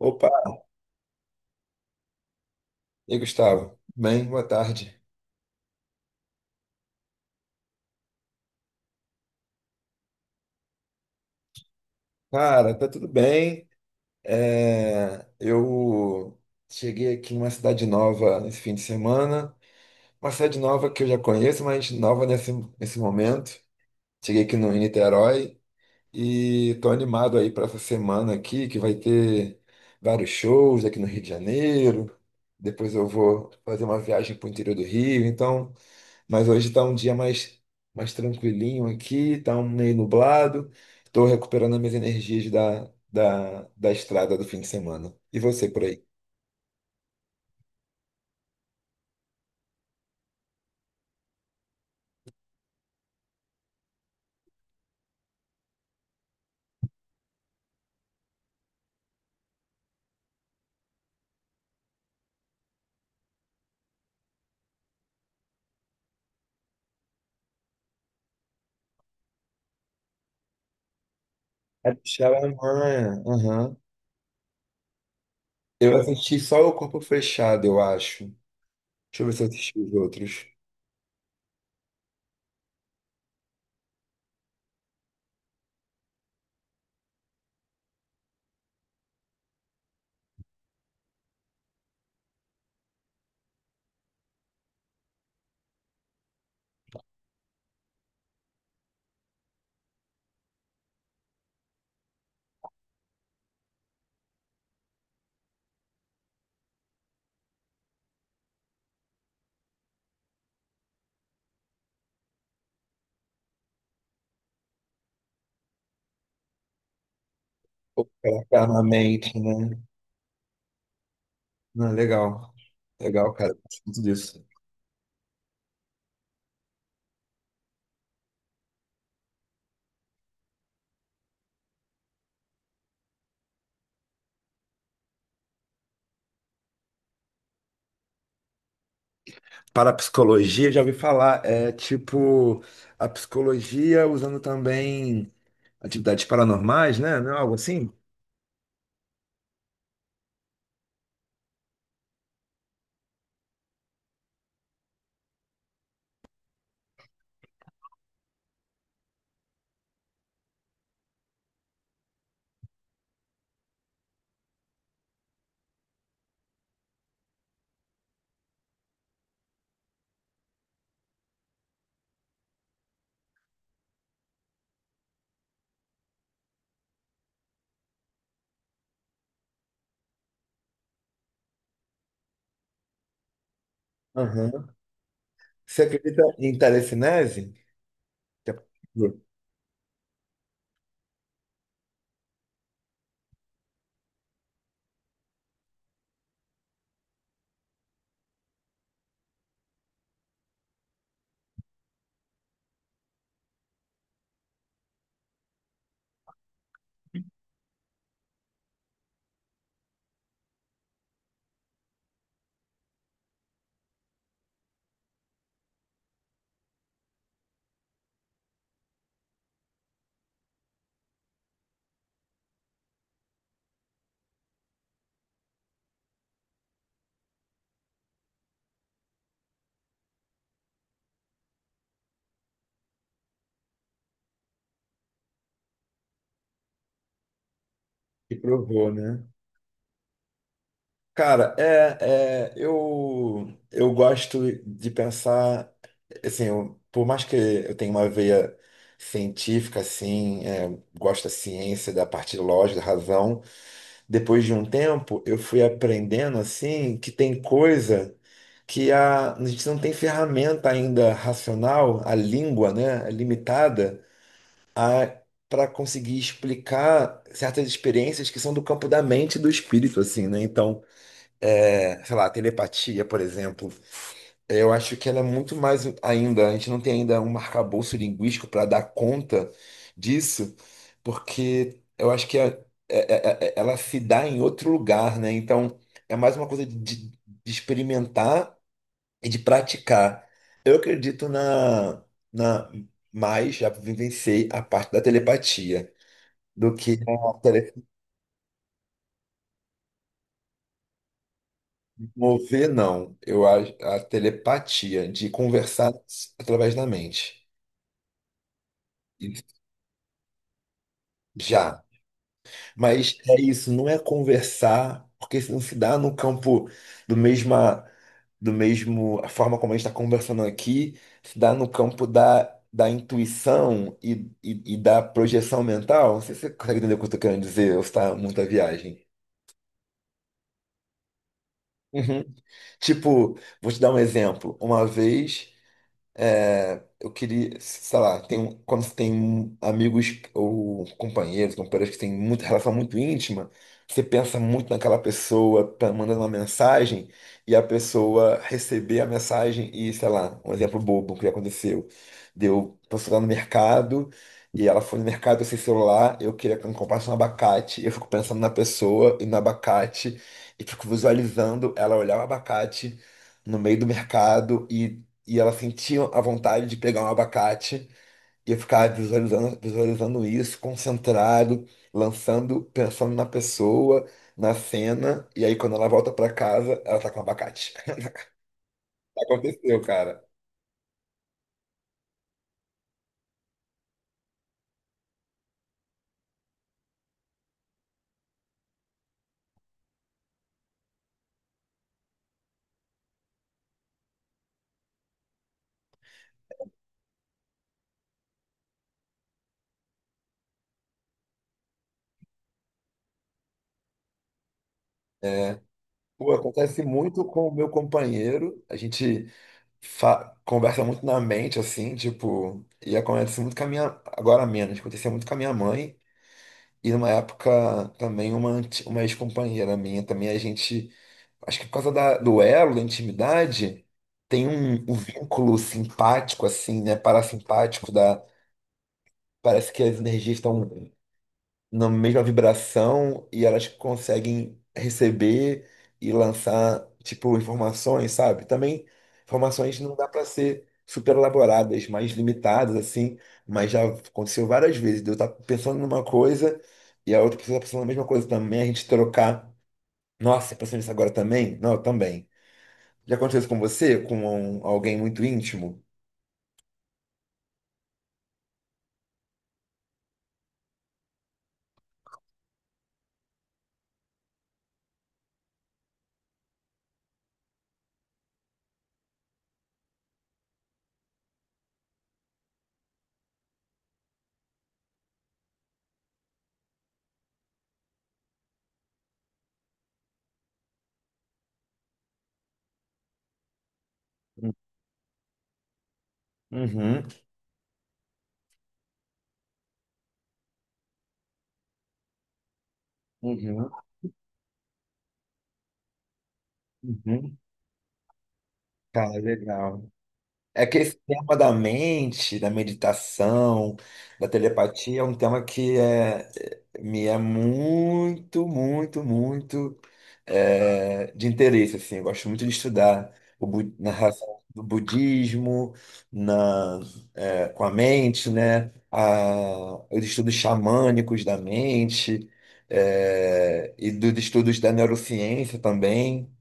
Opa, e aí, Gustavo? Bem, boa tarde. Cara, tá tudo bem. Eu cheguei aqui numa cidade nova nesse fim de semana, uma cidade nova que eu já conheço, mas nova nesse momento. Cheguei aqui no, em Niterói e tô animado aí para essa semana aqui, que vai ter vários shows aqui no Rio de Janeiro. Depois eu vou fazer uma viagem para o interior do Rio, então. Mas hoje está um dia mais tranquilinho aqui, está um meio nublado. Estou recuperando as minhas energias da estrada do fim de semana. E você por aí? É Chalamanha. Aham. Eu assisti só o Corpo Fechado, eu acho. Deixa eu ver se eu assisti os outros. Eternamente, né? Não, legal. Legal, cara. Eu gosto muito disso. Parapsicologia, já ouvi falar. É tipo a psicologia usando também atividades paranormais, né? Não é algo assim? Você acredita em telecinese? Que é- que provou, né? Cara, eu gosto de pensar, assim, por mais que eu tenha uma veia científica, assim, é, gosto da ciência, da parte lógica, da razão, depois de um tempo eu fui aprendendo, assim, que tem coisa que a gente não tem ferramenta ainda racional, a língua, né, é limitada, a para conseguir explicar certas experiências que são do campo da mente e do espírito, assim, né? Então, é, sei lá, a telepatia, por exemplo, eu acho que ela é muito mais ainda, a gente não tem ainda um arcabouço linguístico para dar conta disso, porque eu acho que ela se dá em outro lugar, né? Então, é mais uma coisa de experimentar e de praticar. Eu acredito na, mas já vivenciei a parte da telepatia do que a tele... Mover, não. Eu acho a telepatia de conversar através da mente. Isso, já. Mas é isso, não é conversar, porque isso não se dá no campo do mesma do mesmo a forma como a gente está conversando aqui, se dá no campo da, da intuição e da projeção mental. Não sei se você consegue entender o que eu estou querendo dizer, ou se está muita viagem. Uhum. Tipo, vou te dar um exemplo. Uma vez. É, eu queria, sei lá, tem, quando você tem amigos ou companheiros, companheiras que têm muita relação muito íntima, você pensa muito naquela pessoa, tá mandando uma mensagem, e a pessoa receber a mensagem e, sei lá, um exemplo bobo que aconteceu. Deu, a pessoa lá no mercado, e ela foi no mercado sem celular, eu queria que ela comprasse um abacate, eu fico pensando na pessoa e no abacate, e fico visualizando ela olhar o abacate no meio do mercado e ela sentia a vontade de pegar um abacate e eu ficava visualizando isso, concentrado, lançando, pensando na pessoa, na cena. E aí, quando ela volta para casa, ela tá com um abacate. Aconteceu, cara. É. Pô, acontece muito com o meu companheiro. A gente conversa muito na mente, assim, tipo. E acontece muito com a minha. Agora menos, acontecia muito com a minha mãe. E numa época também uma, uma ex-companheira minha também, a gente. Acho que por causa do elo, da intimidade, tem um vínculo simpático, assim, né? Parasimpático da. Parece que as energias estão na mesma vibração e elas conseguem receber e lançar, tipo, informações, sabe? Também informações não dá para ser super elaboradas, mais limitadas, assim, mas já aconteceu várias vezes, de eu estar pensando numa coisa e a outra pessoa tá pensando na mesma coisa também, a gente trocar. Nossa, pensando nisso agora também? Não, eu também. Já aconteceu isso com você? Com alguém muito íntimo? Uhum, uhum, uhum. Cara, legal. É que esse tema da mente, da meditação, da telepatia é um tema que é, me é muito é, de interesse, assim. Eu gosto muito de estudar o, na relação do budismo, na, é, com a mente, né? A, os estudos xamânicos da mente, é, e dos estudos da neurociência também.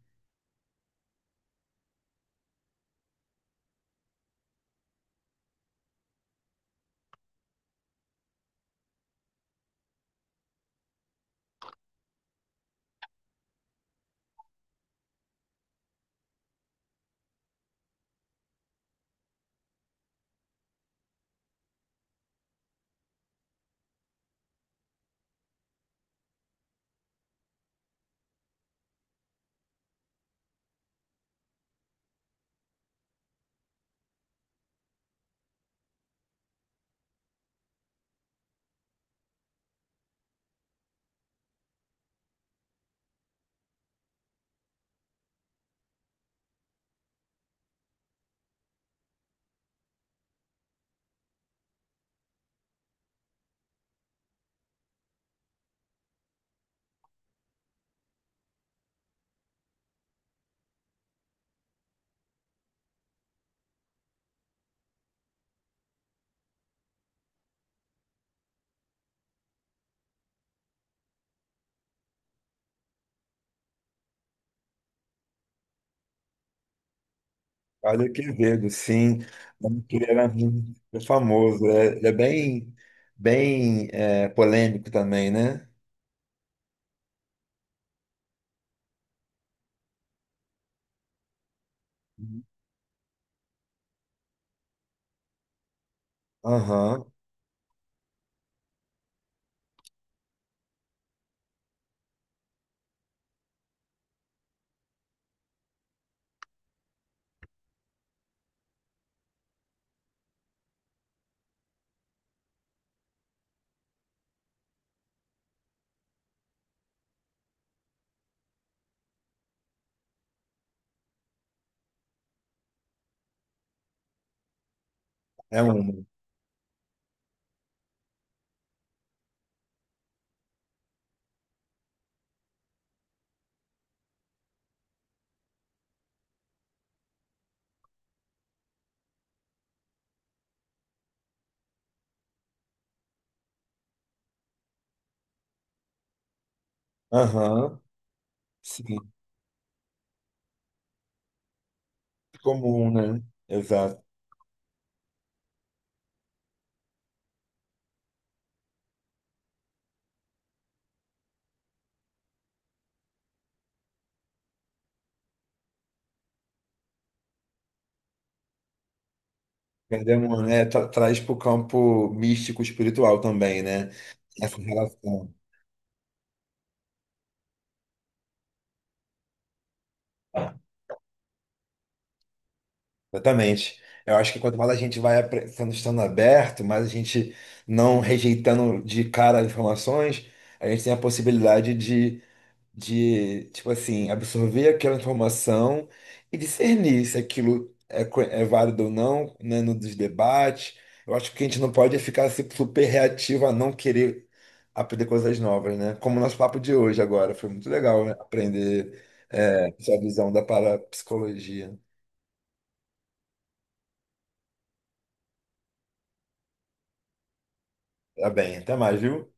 Olha que Quevedo, sim, não, que ele era muito famoso, é, ele é bem, bem é, polêmico também, né? Aham, é uma. Aham, sim, comum, né? Exato. Perdemos, né? Tra traz para o campo místico espiritual também, né? Essa relação. Exatamente. Eu acho que quanto mais a gente vai sendo estando aberto, mais a gente não rejeitando de cara as informações, a gente tem a possibilidade de, tipo assim, absorver aquela informação e discernir se aquilo é válido ou não, né, no dos debates. Eu acho que a gente não pode ficar assim, super reativo a não querer aprender coisas novas, né? Como o nosso papo de hoje agora, foi muito legal, né? Aprender é, sua visão da parapsicologia. Tá bem, até mais, viu?